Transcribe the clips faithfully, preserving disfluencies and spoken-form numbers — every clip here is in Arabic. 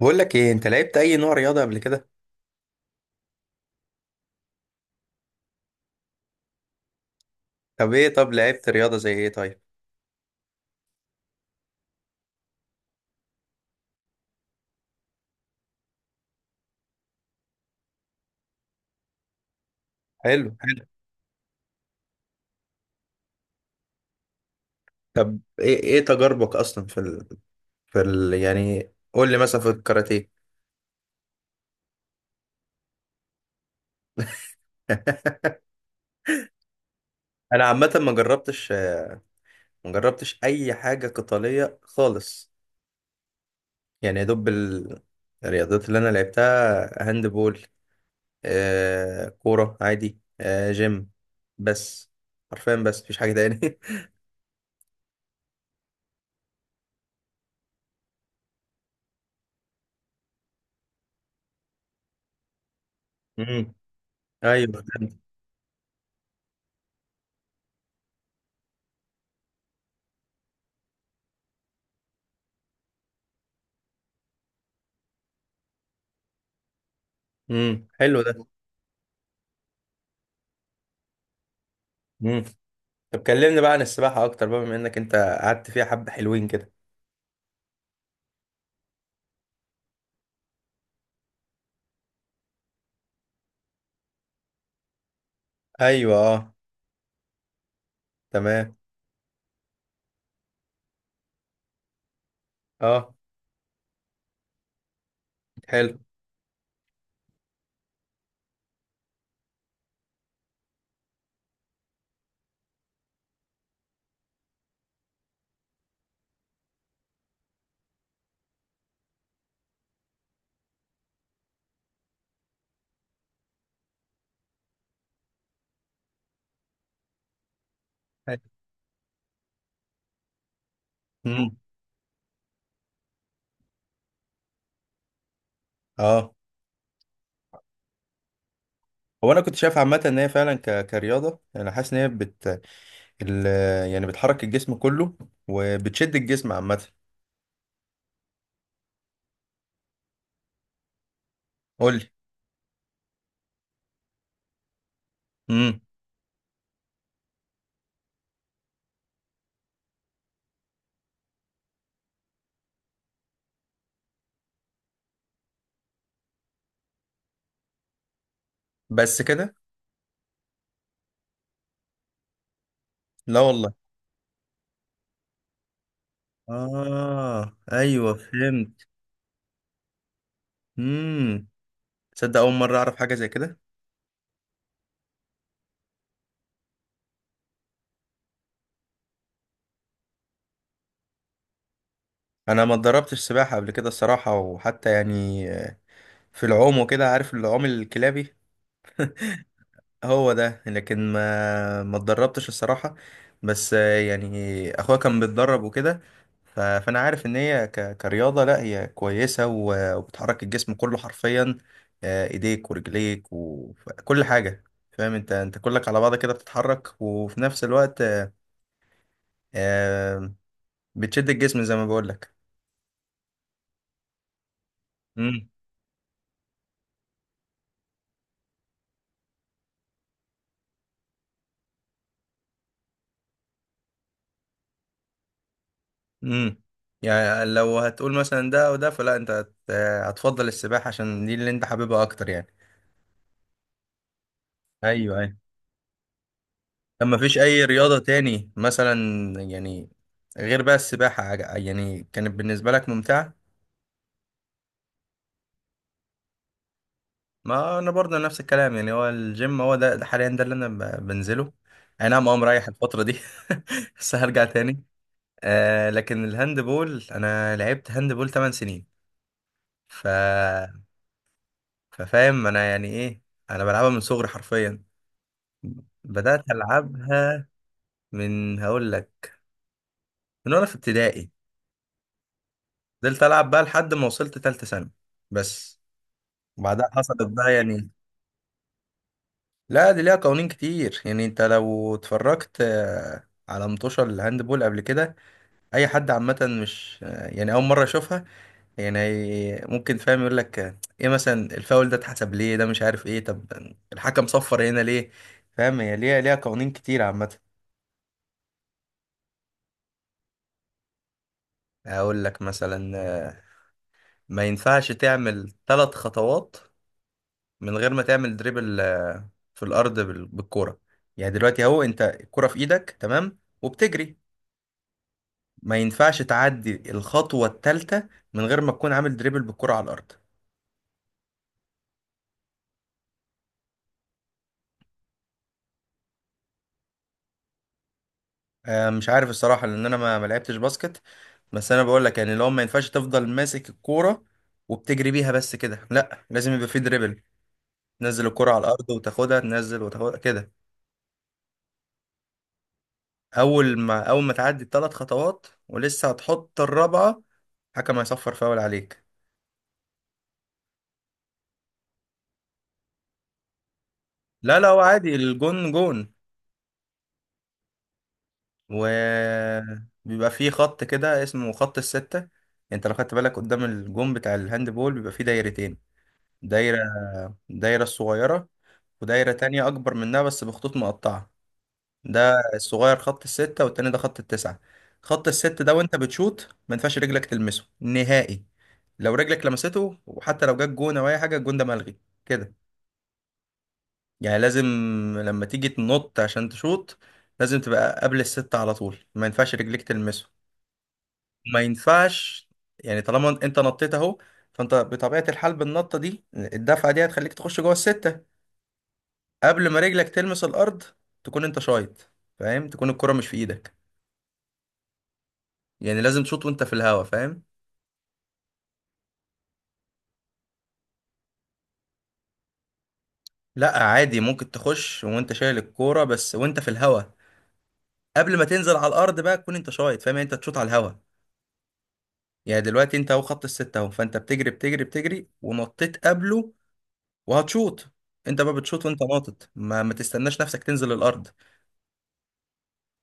بقول لك ايه؟ انت لعبت اي نوع رياضه قبل كده؟ طب ايه طب لعبت رياضه زي ايه؟ طيب. حلو، حلو. طب ايه ايه تجاربك اصلا في ال... في ال... يعني قول لي مثلا في الكاراتيه. انا عامه ما جربتش ما جربتش اي حاجه قتاليه خالص. يعني يا دوب ال- الرياضات اللي انا لعبتها هاند بول، آه... كوره عادي، آه... جيم. بس حرفيا، بس مفيش حاجه تاني. امم. ايوه، فهمت. امم، حلو ده. طب كلمني بقى عن السباحة أكتر بقى، بما إنك أنت قعدت فيها حبة حلوين كده. أيوه، أه. تمام. أه، حلو، حلو. امم، أه. هو أنا كنت شايف عامة إن هي فعلا ك... كرياضة، أنا حاسس إن هي بت ال... يعني بتحرك الجسم كله وبتشد الجسم عامة. قول لي. امم. بس كده. لا والله. آه، أيوه، فهمت. امم. تصدق أول مرة أعرف حاجة زي كده؟ أنا ما اتدربتش سباحة قبل كده الصراحة، وحتى يعني في العوم وكده، عارف العوم الكلابي؟ هو ده. لكن ما ما اتدربتش الصراحة. بس آه، يعني اخويا كان بيتدرب وكده. ف- فانا عارف ان هي ك- كرياضة، لا هي كويسة و- وبتحرك الجسم كله حرفيا، آه، ايديك ورجليك وكل حاجة، فاهم؟ انت انت كلك على بعض كده بتتحرك، وفي نفس الوقت آه، بتشد الجسم زي ما بقول لك. امم، امم. يعني لو هتقول مثلا ده او ده، فلا، انت هت- آه، هتفضل السباحة عشان دي اللي انت حاببها اكتر يعني. ايوه، ايوه. طب ما فيش اي رياضة تاني مثلا؟ يعني غير بقى السباحة، عج- يعني كانت بالنسبة لك ممتعة. ما انا برضه نفس الكلام. يعني هو الجيم هو ده، ده حاليا ده اللي انا ب- بنزله. اي نعم، اه، مريح الفترة دي. بس هرجع تاني. آه لكن الهاند بول، انا لعبت هاند بول تمانية سنين، ف ففاهم انا يعني ايه. انا بلعبها من صغري حرفيا، بدأت العبها من، هقول لك، من وانا في ابتدائي. فضلت العب بقى لحد ما وصلت تالتة ثانوي، بس بعدها حصلت بقى يعني. لا دي ليها قوانين كتير، يعني انت لو اتفرجت آه، على مطوشة الهاندبول قبل كده، اي حد عامة مش آه، يعني اول مرة يشوفها، يعني هي- ممكن فاهم يقول لك آه، ايه مثلا الفاول ده اتحسب ليه؟ ده مش عارف ايه. طب الحكم صفر هنا ليه؟ فاهم، هي ليها ليها قوانين كتير عامة. اقول لك مثلا، آه، ما ينفعش تعمل ثلاث خطوات من غير ما تعمل دريبل آه، في الارض بال- بالكورة. يعني دلوقتي اهو، انت الكرة في ايدك تمام وبتجري، ما ينفعش تعدي الخطوة الثالثة من غير ما تكون عامل دريبل بالكرة على الأرض. آه، مش عارف الصراحة لأن أنا ما ما لعبتش باسكت. بس أنا بقول لك، يعني لو، ما ينفعش تفضل ماسك الكورة وبتجري بيها بس كده، لا لازم يبقى في دريبل، تنزل الكرة على الأرض وتاخدها، تنزل وتاخدها كده. أول ما أول ما تعدي الثلاث خطوات ولسه هتحط الرابعة، الحكم هيصفر فاول عليك. لا، لا، هو عادي، الجون جون، وبيبقى فيه خط كده اسمه خط الستة. انت لو خدت بالك قدام الجون بتاع الهاند بول بيبقى فيه دايرتين، دايرة، دايرة الصغيرة، ودايرة تانية أكبر منها بس بخطوط مقطعة. ده الصغير خط الستة، والتاني ده خط التسعة. خط الست ده وانت بتشوط ما ينفعش رجلك تلمسه نهائي. لو رجلك لمسته، وحتى لو جت جون او اي حاجة، الجون ده ملغي كده. يعني لازم، لما تيجي تنط عشان تشوط، لازم تبقى قبل الستة على طول، ما ينفعش رجلك تلمسه، ما ينفعش. يعني طالما انت نطيت اهو، فانت بطبيعة الحال بالنطة دي الدفعة دي هتخليك تخش جوه الستة قبل ما رجلك تلمس الأرض، تكون انت شايط، فاهم؟ تكون الكرة مش في ايدك، يعني لازم تشوط وانت في الهوا، فاهم. لا عادي، ممكن تخش وانت شايل الكورة، بس وانت في الهوا قبل ما تنزل على الأرض بقى تكون انت شايط، فاهم؟ يعني انت تشوط على الهوا. يعني دلوقتي انت اهو خط الستة اهو، فانت بتجري، بتجري، بتجري، ونطيت قبله، وهتشوط. انت بقى بتشوط وانت ناطط، ما, ما تستناش نفسك تنزل الأرض.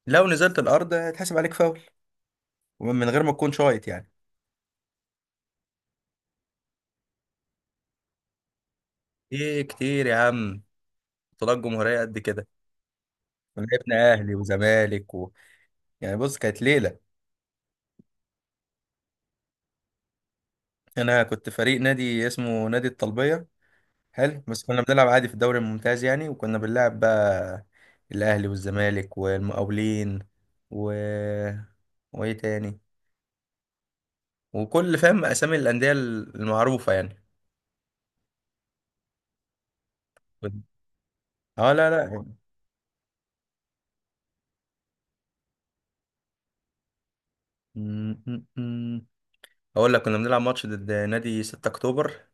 لو نزلت الارض هيتحسب عليك فاول، ومن غير ما تكون شايط يعني. ايه كتير يا عم، بطولات جمهوريه قد كده. ولعبنا اهلي وزمالك و... يعني بص، كانت ليله. انا كنت فريق نادي اسمه نادي الطلبيه. حلو، بس كنا بنلعب عادي في الدوري الممتاز يعني، وكنا بنلعب بقى الاهلي والزمالك والمقاولين، و وايه تاني، وكل فاهم اسامي الانديه المعروفه يعني. اه، لا، لا. م- م- م. اقول لك كنا بنلعب ماتش ضد نادي ستة اكتوبر.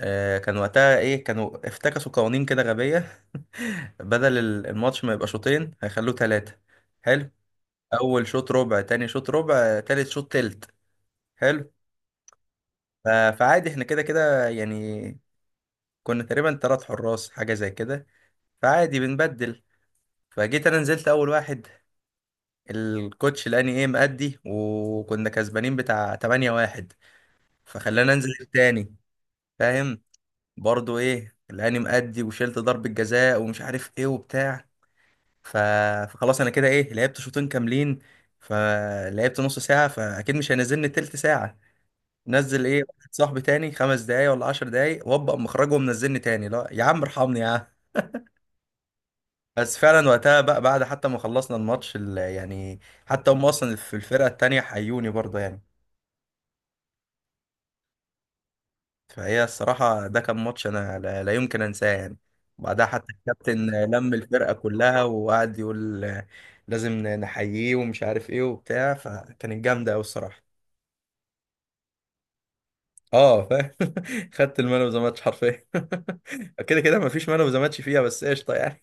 آه، كان وقتها ايه، كانوا افتكسوا قوانين كده غبية. بدل ال- الماتش ما يبقى شوطين هيخلوه ثلاثة. حلو. اول شوط ربع، تاني شوط ربع، تالت شوط تلت. حلو. ف- فعادي احنا كده كده يعني، كنا تقريبا تلات حراس حاجة زي كده، فعادي بنبدل. فجيت انا نزلت اول واحد الكوتش لاني ايه مأدي، وكنا كسبانين بتاع تمانية واحد، فخلانا انزل التاني، فاهم، برضو ايه لاني مأدي وشلت ضربة جزاء ومش عارف ايه وبتاع. ف... فخلاص انا كده ايه لعبت شوطين كاملين. فلعبت نص ساعه، فاكيد مش هينزلني تلت ساعه، نزل ايه واحد صاحبي تاني خمس دقايق ولا عشر دقايق، وابقى مخرجه منزلني تاني؟ لا يا عم، ارحمني يا عم. بس فعلا وقتها بقى بعد حتى ما خلصنا الماتش، ال- يعني حتى هم اصلا في الفرقه التانيه حيوني برضه يعني. فهي الصراحه ده كان ماتش انا لا, لا يمكن انساه يعني. بعدها حتى الكابتن لم الفرقه كلها وقعد يقول لازم نحييه ومش عارف ايه وبتاع، فكانت جامده قوي الصراحه. اه فاهم. خدت المان اوف ذا ماتش حرفيا. كده كده مفيش مان اوف ذا ماتش فيها، بس قشطه يعني.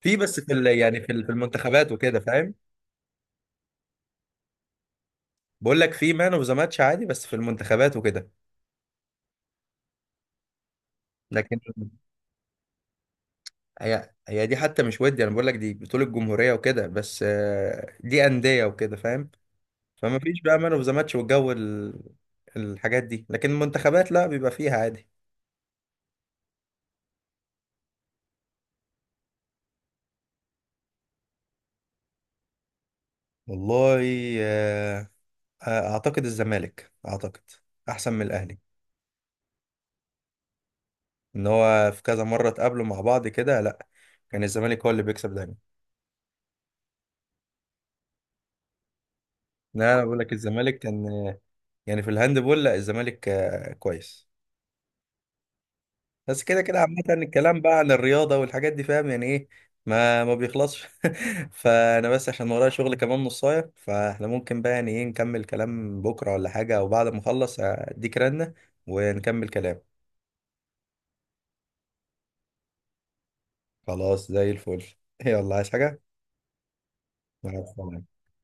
في بس في ال- يعني في ال- في المنتخبات وكده، فاهم. بقول لك في مان اوف ذا ماتش عادي، بس في المنتخبات وكده. لكن هي هي دي حتى مش ودي، انا بقول لك دي بطوله الجمهوريه وكده، بس آه، دي انديه وكده، فاهم. فما فيش بقى مان اوف ذا ماتش والجو، ال- الحاجات دي، لكن المنتخبات لا بيبقى فيها عادي. والله، آه، آه، اعتقد الزمالك، اعتقد احسن من الاهلي، ان هو في كذا مره اتقابلوا مع بعض كده، لا كان الزمالك هو اللي بيكسب دايما. لا انا بقول لك الزمالك كان، يعني في الهاندبول لا الزمالك آه، كويس. بس كده كده عامه الكلام بقى عن الرياضه والحاجات دي، فاهم يعني ايه، ما ما بيخلصش. فانا بس عشان ورايا شغل كمان نصايه، فاحنا ممكن بقى يعني ايه نكمل كلام بكره ولا حاجه، او بعد ما اخلص اديك رنه ونكمل كلام. خلاص زي الفل. يلا، عايز حاجه؟ مع السلامه.